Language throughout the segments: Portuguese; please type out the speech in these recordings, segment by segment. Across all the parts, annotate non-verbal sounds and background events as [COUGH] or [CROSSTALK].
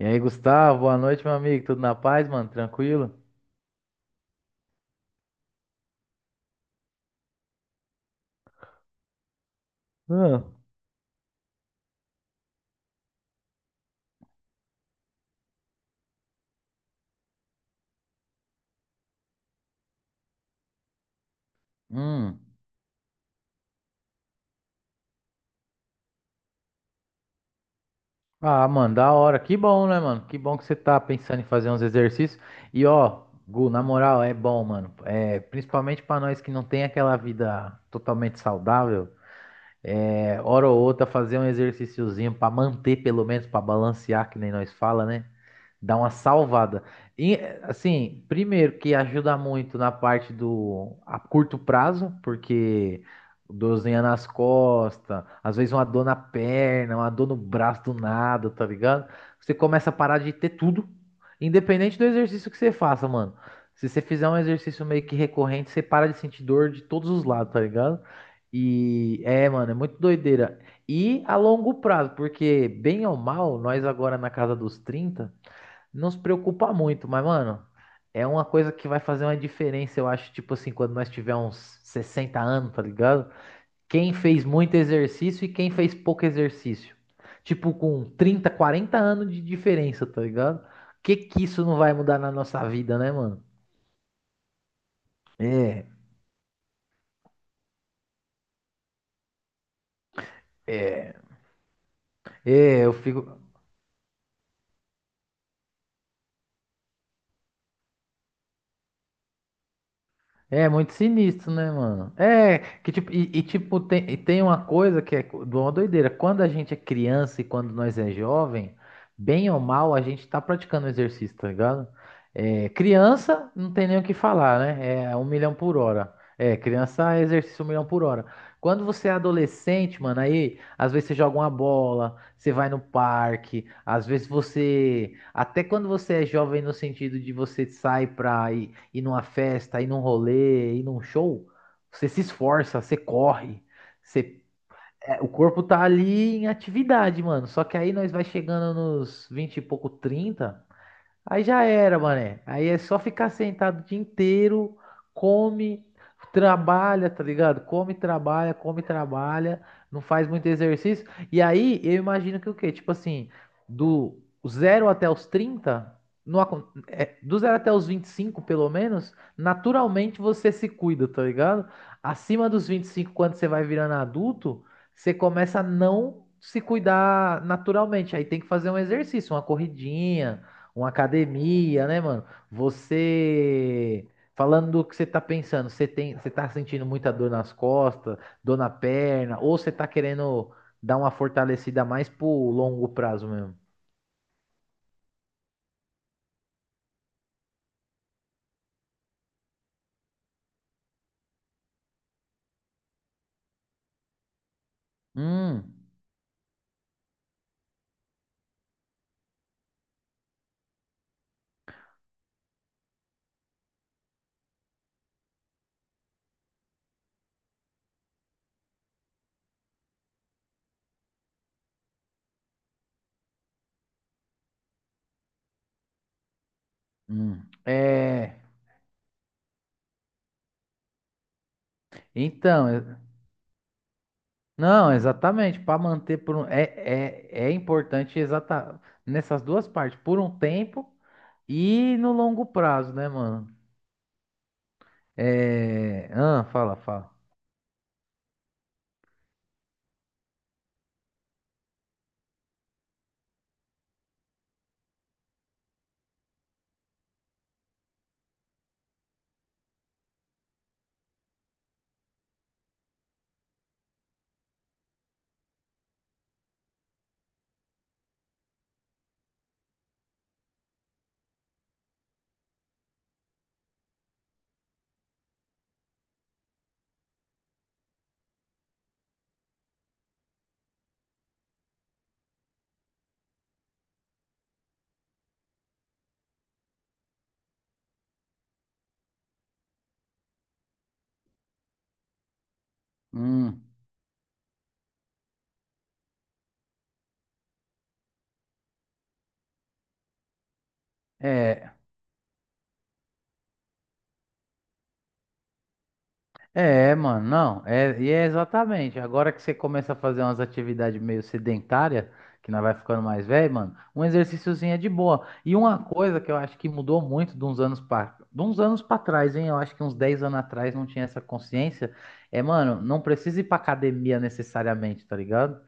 E aí, Gustavo, boa noite, meu amigo. Tudo na paz, mano? Tranquilo? Ah, Hum. Ah, mano, da hora. Que bom, né, mano? Que bom que você tá pensando em fazer uns exercícios. E ó, Gu, na moral, é bom, mano. É, principalmente pra nós que não tem aquela vida totalmente saudável, é, hora ou outra fazer um exercíciozinho pra manter, pelo menos, pra balancear, que nem nós fala, né? Dá uma salvada. E, assim, primeiro que ajuda muito na parte do a curto prazo, porque dorzinha nas costas, às vezes uma dor na perna, uma dor no braço do nada, tá ligado? Você começa a parar de ter tudo, independente do exercício que você faça, mano. Se você fizer um exercício meio que recorrente, você para de sentir dor de todos os lados, tá ligado? E é, mano, é muito doideira. E a longo prazo, porque bem ou mal, nós agora na casa dos 30 não se preocupa muito, mas, mano, é uma coisa que vai fazer uma diferença, eu acho, tipo assim, quando nós tiver uns 60 anos, tá ligado? Quem fez muito exercício e quem fez pouco exercício. Tipo, com 30, 40 anos de diferença, tá ligado? Que isso não vai mudar na nossa vida, né, mano? É, é, é, eu fico. É muito sinistro, né, mano? É, que tipo, tem uma coisa que é de uma doideira. Quando a gente é criança e quando nós é jovem, bem ou mal, a gente tá praticando exercício, tá ligado? É, criança, não tem nem o que falar, né? É um milhão por hora. É, criança é exercício um milhão por hora. Quando você é adolescente, mano, aí às vezes você joga uma bola, você vai no parque, às vezes você, até quando você é jovem no sentido de você sai pra ir numa festa, ir num rolê, ir num show, você se esforça, você corre, você, o corpo tá ali em atividade, mano. Só que aí nós vai chegando nos 20 e pouco, 30. Aí já era, mané. Aí é só ficar sentado o dia inteiro, come, trabalha, tá ligado? Come, trabalha, não faz muito exercício. E aí eu imagino que o quê? Tipo assim, do zero até os 30, não acon- é, do zero até os 25, pelo menos, naturalmente você se cuida, tá ligado? Acima dos 25, quando você vai virando adulto, você começa a não se cuidar naturalmente. Aí tem que fazer um exercício, uma corridinha uma academia, né, mano? Você. Falando do que você tá pensando, você tem, você tá sentindo muita dor nas costas, dor na perna, ou você tá querendo dar uma fortalecida mais pro longo prazo mesmo? Hum, É, então, não, exatamente, para manter por um, é importante exata nessas duas partes, por um tempo e no longo prazo, né, mano? É, ah, fala, fala. Hum. É. É, mano, não, é, e é exatamente. Agora que você começa a fazer umas atividades meio sedentária, que nós vai ficando mais velho, mano, um exercíciozinho é de boa. E uma coisa que eu acho que mudou muito de uns anos para trás, hein? Eu acho que uns 10 anos atrás não tinha essa consciência. É, mano, não precisa ir pra academia necessariamente, tá ligado?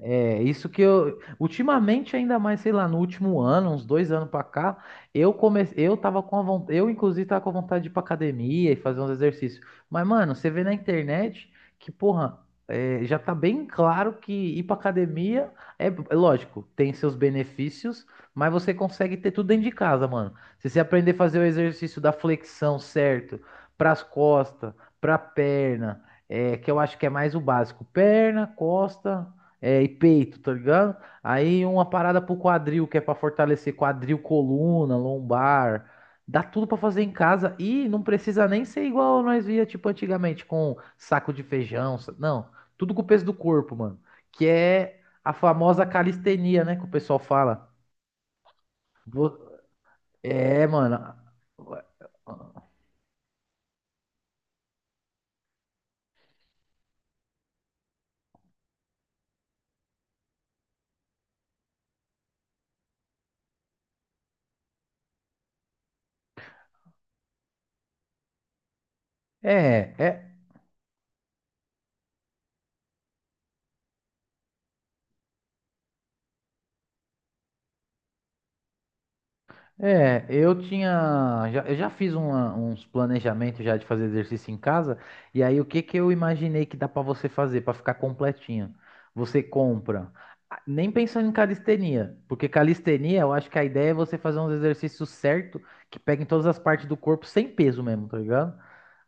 É, isso que eu. Ultimamente, ainda mais, sei lá, no último ano, uns 2 anos pra cá, eu comecei. Eu tava com a vontade. Eu, inclusive, tava com vontade de ir pra academia e fazer uns exercícios. Mas, mano, você vê na internet que, porra, é, já tá bem claro que ir pra academia é lógico, tem seus benefícios, mas você consegue ter tudo dentro de casa, mano. Se você aprender a fazer o exercício da flexão certo, pras costas, pra perna. É, que eu acho que é mais o básico. Perna, costa, é, e peito, tá ligado? Aí uma parada pro quadril, que é pra fortalecer quadril, coluna, lombar. Dá tudo pra fazer em casa e não precisa nem ser igual nós via, tipo, antigamente, com saco de feijão. Não, tudo com o peso do corpo, mano. Que é a famosa calistenia, né? Que o pessoal fala. Vo- É, mano. É, é, É, eu já fiz uns planejamentos já de fazer exercício em casa, e aí o que que eu imaginei que dá pra você fazer pra ficar completinho? Você compra, ah, nem pensando em calistenia, porque calistenia, eu acho que a ideia é você fazer uns exercícios certo que peguem todas as partes do corpo sem peso mesmo, tá ligado?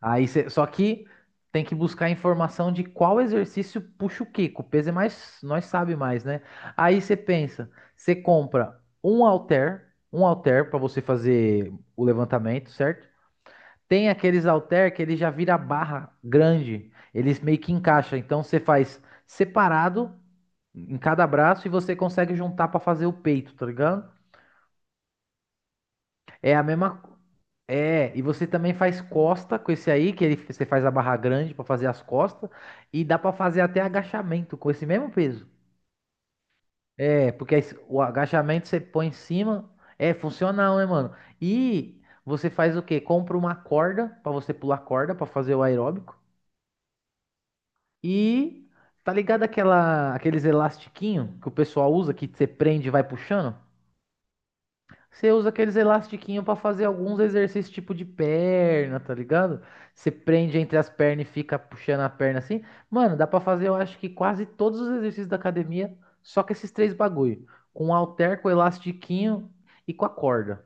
Aí você, só que tem que buscar informação de qual exercício puxa o quê, que o peso é mais, nós sabe mais, né? Aí você pensa, você compra um halter para você fazer o levantamento, certo? Tem aqueles halter que ele já vira barra grande, eles meio que encaixa, então você faz separado em cada braço e você consegue juntar para fazer o peito, tá ligado? É a mesma e você também faz costa com esse aí, que ele, você faz a barra grande para fazer as costas, e dá para fazer até agachamento com esse mesmo peso. É, porque aí o agachamento você põe em cima, é funcional, né, mano? E você faz o quê? Compra uma corda pra você pular corda pra fazer o aeróbico. E tá ligado aquela aqueles elastiquinho que o pessoal usa que você prende e vai puxando? Você usa aqueles elastiquinhos pra fazer alguns exercícios tipo de perna, tá ligado? Você prende entre as pernas e fica puxando a perna assim. Mano, dá pra fazer, eu acho que quase todos os exercícios da academia, só com esses três bagulho. Com o halter, com o elastiquinho e com a corda.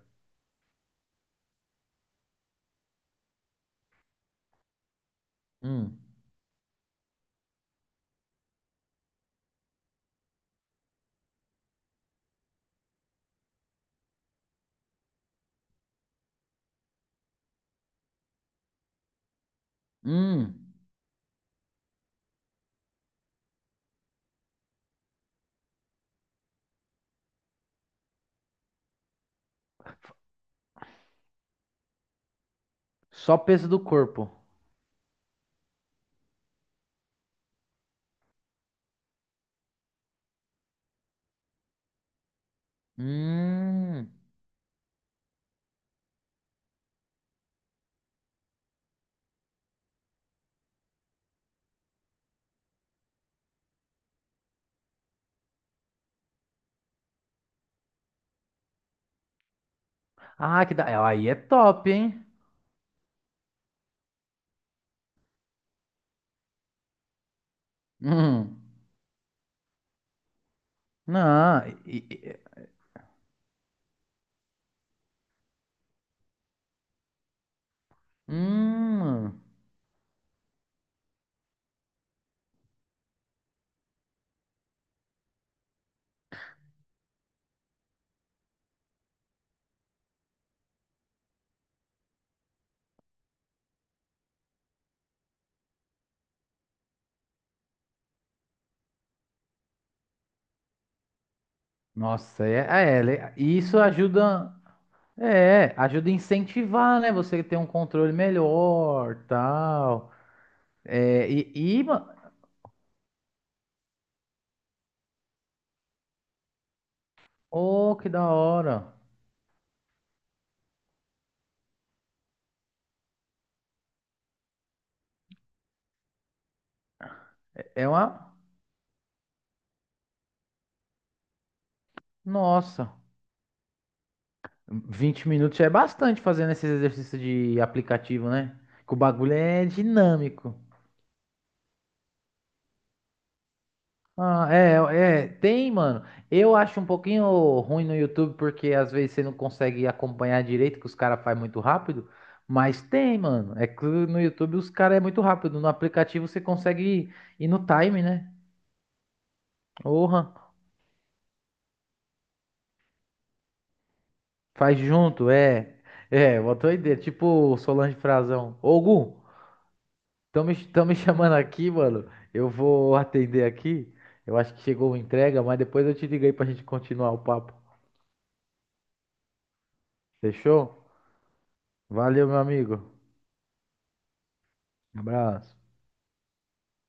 Hum. Hum. Só peso do corpo. Hum. Ah, aí é top, hein? Hum. Não. Hum. Nossa, isso ajuda. É, ajuda a incentivar, né? Você ter um controle melhor, tal. É, e, e, ma- oh, que da hora. É uma, Nossa, 20 minutos já é bastante fazendo esses exercícios de aplicativo, né? Que o bagulho é dinâmico. Ah, tem, mano. Eu acho um pouquinho ruim no YouTube porque às vezes você não consegue acompanhar direito, que os caras fazem muito rápido. Mas tem, mano. É que no YouTube os caras é muito rápido. No aplicativo você consegue ir no time, né? Porra, faz junto, é. É, uma doideira. Tipo Solange Frazão. Ô, Gu, tão me [LAUGHS] chamando aqui, mano. Eu vou atender aqui. Eu acho que chegou a entrega, mas depois eu te ligo aí pra gente continuar o papo. Fechou? Valeu, meu amigo. Abraço.